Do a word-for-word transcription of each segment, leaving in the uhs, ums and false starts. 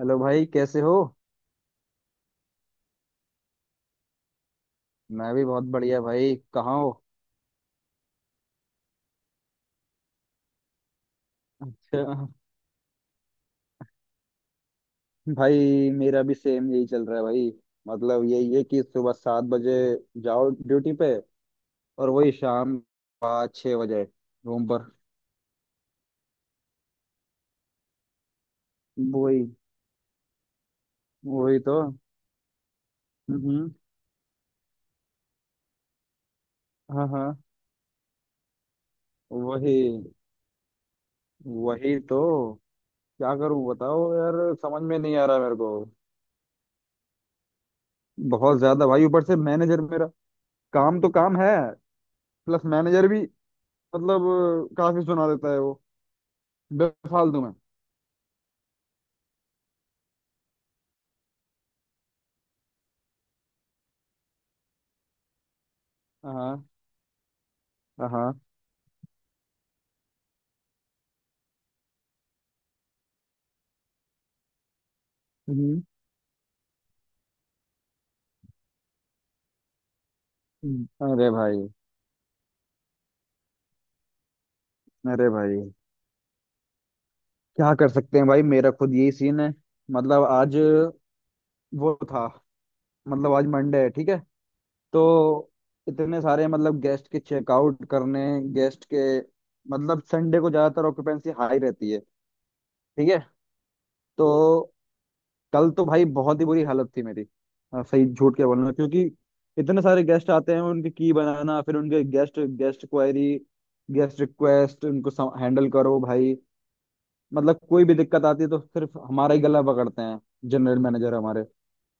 Hello भाई, कैसे हो? मैं भी बहुत बढ़िया भाई। कहाँ हो? अच्छा। भाई मेरा भी सेम यही चल रहा है भाई। मतलब यही है कि सुबह सात बजे जाओ ड्यूटी पे। और वही शाम पाँच छः बजे रूम पर। वही। वही तो। हम्म। हाँ हाँ। वही। वही तो। क्या करूं बताओ यार, समझ में नहीं आ रहा मेरे को। बहुत ज्यादा भाई, ऊपर से मैनेजर मेरा। काम तो काम है, प्लस मैनेजर भी। मतलब काफी सुना देता है वो बेफालतू में। हाँ हाँ। हम्म, हम्म। अरे भाई। अरे भाई क्या कर सकते हैं भाई, मेरा खुद यही सीन है। मतलब आज वो था। मतलब आज मंडे है, ठीक है? तो इतने सारे मतलब गेस्ट के चेकआउट करने, गेस्ट के। मतलब संडे को ज्यादातर ऑक्यूपेंसी हाई रहती है। ठीक है। तो कल तो भाई बहुत ही बुरी हालत थी मेरी। हाँ, सही झूठ के बोलना क्योंकि इतने सारे गेस्ट आते हैं, उनकी की बनाना, फिर उनके guest guest query, guest request उनको हैंडल करो भाई। मतलब कोई भी दिक्कत आती है तो सिर्फ हमारा ही गला पकड़ते हैं जनरल मैनेजर हमारे।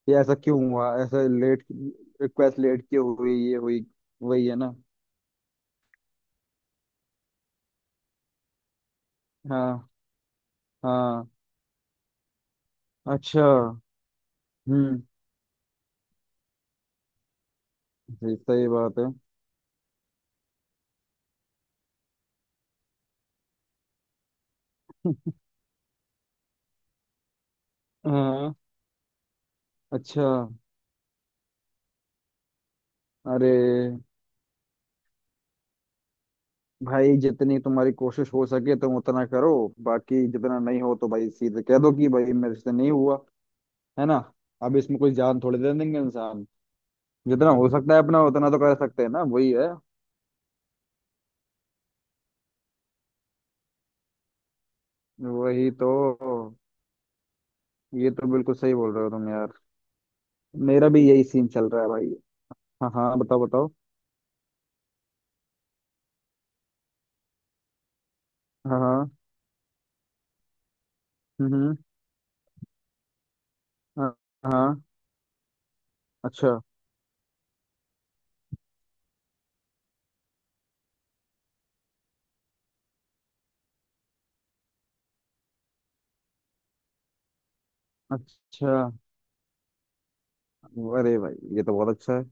ये ऐसा क्यों हुआ, ऐसा लेट रिक्वेस्ट लेट क्यों हुई, ये हुई। वही है ना। हाँ हाँ। अच्छा। हम्म। जी, सही बात है। हाँ। अच्छा। अरे भाई जितनी तुम्हारी कोशिश हो सके तुम उतना करो। बाकी जितना नहीं हो तो भाई सीधे कह दो कि भाई मेरे से नहीं हुआ। है ना? अब इसमें कोई जान थोड़ी दे देंगे इंसान। जितना हो सकता है अपना उतना तो कर सकते हैं ना, वही है। वही तो। ये तो बिल्कुल सही बोल रहे हो तुम यार। मेरा भी यही सीन चल रहा है भाई। हाँ हाँ, बताओ बताओ। हाँ हाँ। हम्म हम्म। हाँ हाँ। अच्छा अच्छा। अरे भाई ये तो बहुत अच्छा है।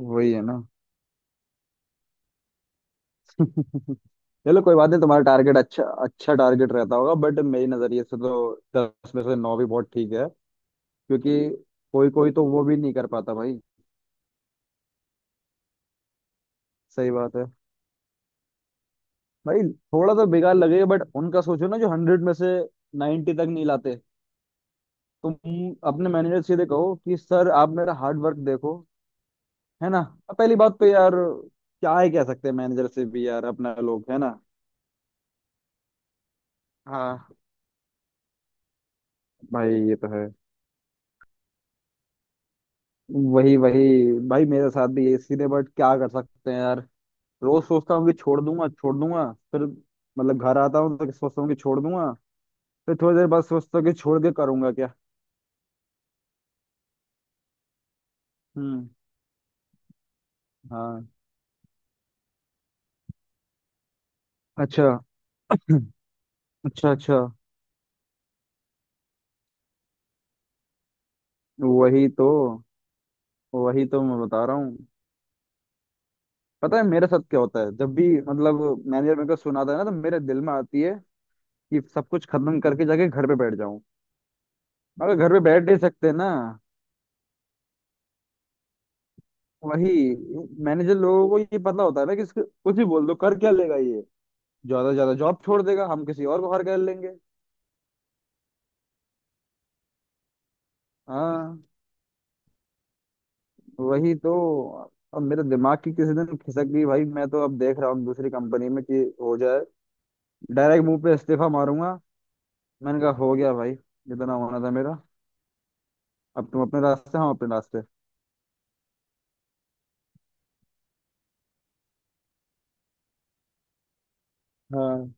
वही है ना। चलो कोई बात नहीं, तुम्हारा टारगेट अच्छा अच्छा टारगेट रहता होगा, बट मेरी नजरिए से तो दस में से नौ भी बहुत ठीक है। क्योंकि कोई कोई तो वो भी नहीं कर पाता भाई। सही बात है भाई। थोड़ा तो बेकार लगेगा बट उनका सोचो ना जो हंड्रेड में से नाइन्टी तक नहीं लाते। तुम अपने मैनेजर से सीधे कहो कि सर आप मेरा हार्ड वर्क देखो। है ना? अब पहली बात तो यार क्या ही कह सकते हैं मैनेजर से भी यार, अपना लोग है ना। हाँ, भाई ये तो है। वही वही। भाई मेरे साथ भी यही सीन है, बट क्या कर सकते हैं यार। रोज सोचता हूँ कि छोड़ दूंगा छोड़ दूंगा, फिर मतलब घर आता हूँ तो सोचता हूँ कि छोड़ दूंगा, फिर थोड़ी देर बाद सोचता हूँ कि छोड़ के करूंगा क्या। हम्म। हाँ। अच्छा। अच्छा अच्छा। वही तो। वही तो मैं बता रहा हूँ। पता है मेरे साथ क्या होता है जब भी मतलब मैनेजर मेरे को सुनाता है ना, तो मेरे दिल में आती है कि सब कुछ खत्म करके जाके घर पे बैठ जाऊं। मगर घर पे बैठ नहीं सकते ना। वही। मैनेजर लोगों को ये पता होता है ना कि इसको कुछ भी बोल दो, कर क्या लेगा ये। ज्यादा से ज्यादा जॉब छोड़ देगा, हम किसी और को हायर कर लेंगे। हाँ। वही तो। अब मेरे दिमाग की किसी दिन खिसक गई भाई, मैं तो अब देख रहा हूँ दूसरी कंपनी में कि हो जाए। डायरेक्ट मुंह पे इस्तीफा मारूंगा। मैंने कहा हो गया भाई, जितना होना था मेरा। अब तुम अपने रास्ते, हम अपने रास्ते। हाँ।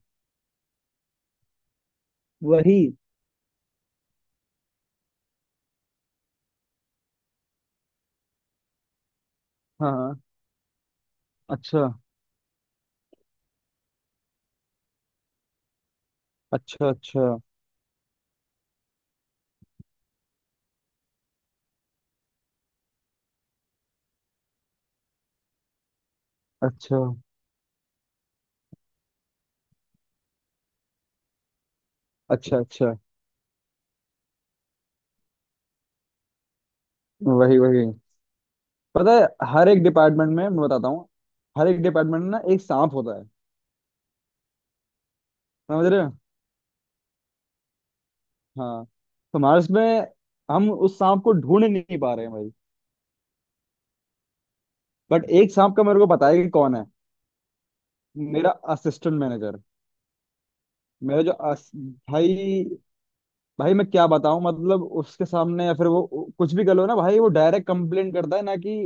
वही। हाँ हाँ, अच्छा। अच्छा। अच्छा अच्छा। अच्छा अच्छा। वही वही। पता है हर एक डिपार्टमेंट में मैं बताता हूँ, हर एक डिपार्टमेंट में ना एक सांप होता है। समझ रहे हो? हाँ तो हमारे इसमें, हम उस सांप को ढूंढ नहीं पा रहे हैं भाई। बट एक सांप का मेरे को पता है कि कौन है। मेरा असिस्टेंट मैनेजर। मेरा जो अस... भाई भाई मैं क्या बताऊं मतलब उसके सामने या फिर वो वो कुछ भी कर लो ना भाई, वो डायरेक्ट कंप्लेंट करता है ना कि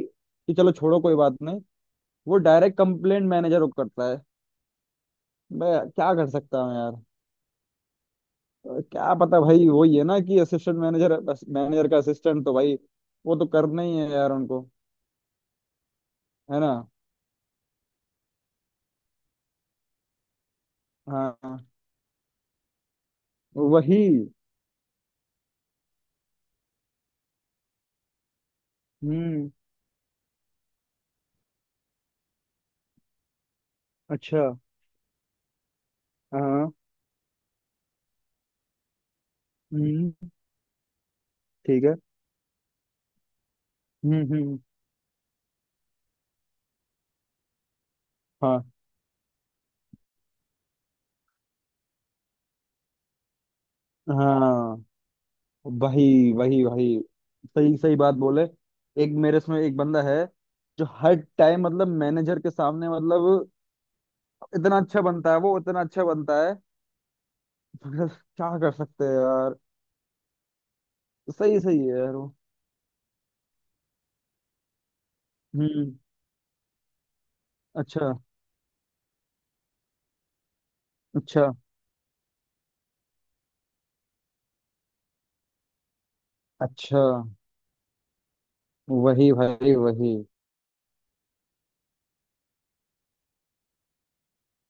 कि चलो छोड़ो कोई बात नहीं, वो डायरेक्ट कंप्लेंट मैनेजर को करता है। मैं क्या कर सकता हूँ यार। अ, क्या पता भाई, वही है ना कि असिस्टेंट मैनेजर, मैनेजर का असिस्टेंट तो भाई वो तो करना ही है यार उनको। है ना? हाँ हाँ, वही। हम्म। अच्छा। हाँ। हम्म। ठीक है। हम्म हम्म। हाँ हाँ। वही वही वही। सही सही बात बोले। एक मेरे इसमें एक बंदा है जो हर टाइम मतलब मैनेजर के सामने मतलब इतना अच्छा बनता है, वो इतना अच्छा बनता है। मगर क्या कर सकते हैं यार। सही सही है यार वो। हम्म। अच्छा अच्छा। अच्छा। वही भाई वही।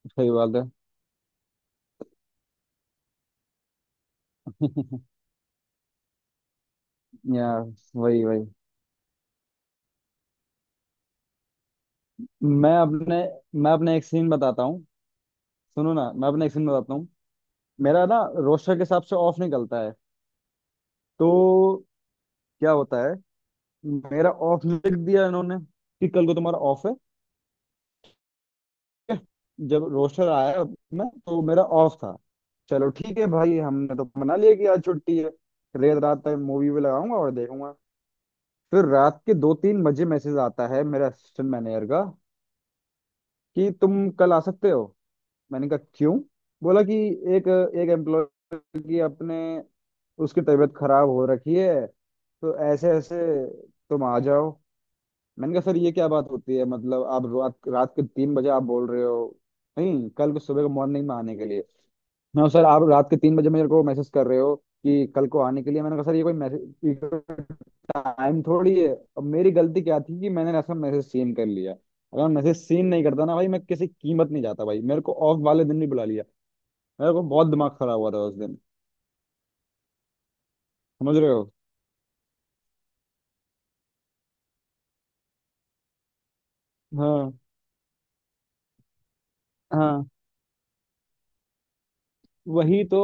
सही बात है। यार। वही वही। मैं अपने। मैं अपने एक सीन बताता हूँ। सुनो ना, मैं अपने एक सीन बताता हूँ। मेरा ना रोस्टर के हिसाब से ऑफ निकलता है। तो क्या होता है, मेरा ऑफ लिख दिया इन्होंने कि कल को तुम्हारा ऑफ है। जब रोस्टर आया मैं तो मेरा ऑफ था। चलो ठीक है भाई, हमने तो मना लिया कि आज छुट्टी है, रेत रात तक मूवी भी लगाऊंगा और देखूंगा। फिर रात के दो तीन बजे मैसेज आता है मेरे असिस्टेंट मैनेजर का कि तुम कल आ सकते हो। मैंने कहा क्यों? बोला कि एक एक एम्प्लॉय की अपने उसकी तबीयत खराब हो रखी है, तो ऐसे ऐसे तुम आ जाओ। मैंने कहा सर ये क्या बात होती है, मतलब आप रात रात के तीन बजे आप बोल रहे हो। नहीं कल को सुबह को मॉर्निंग में आने के लिए। मैं सर आप रात के तीन बजे मेरे को मैसेज कर रहे हो कि कल को आने के लिए, मैंने कहा सर ये कोई मैसेज टाइम थोड़ी है। अब मेरी गलती क्या थी कि मैंने ऐसा मैसेज सीन कर लिया, अगर मैं मैसेज सीन नहीं करता ना भाई मैं किसी कीमत नहीं जाता भाई, मेरे को ऑफ वाले दिन भी बुला लिया। मेरे को बहुत दिमाग खराब हुआ था उस दिन। समझ रहे हो? हाँ हाँ। वही तो।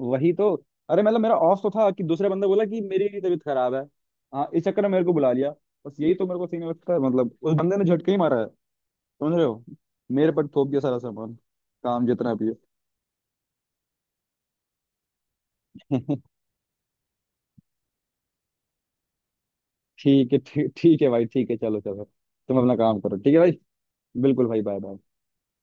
वही तो। अरे मतलब मेरा ऑफ तो था कि दूसरा बंदा बोला कि मेरी भी तबीयत खराब है। हाँ इस चक्कर में मेरे को बुला लिया। बस यही तो मेरे को सीन लगता है मतलब उस बंदे ने झटके ही मारा है। समझ रहे हो? मेरे पर थोप दिया सारा सामान, काम जितना भी है। ठीक है, ठीक ठीक है भाई, ठीक है। चलो चलो। तुम अपना काम करो ठीक है भाई। बिल्कुल भाई, बाय बाय।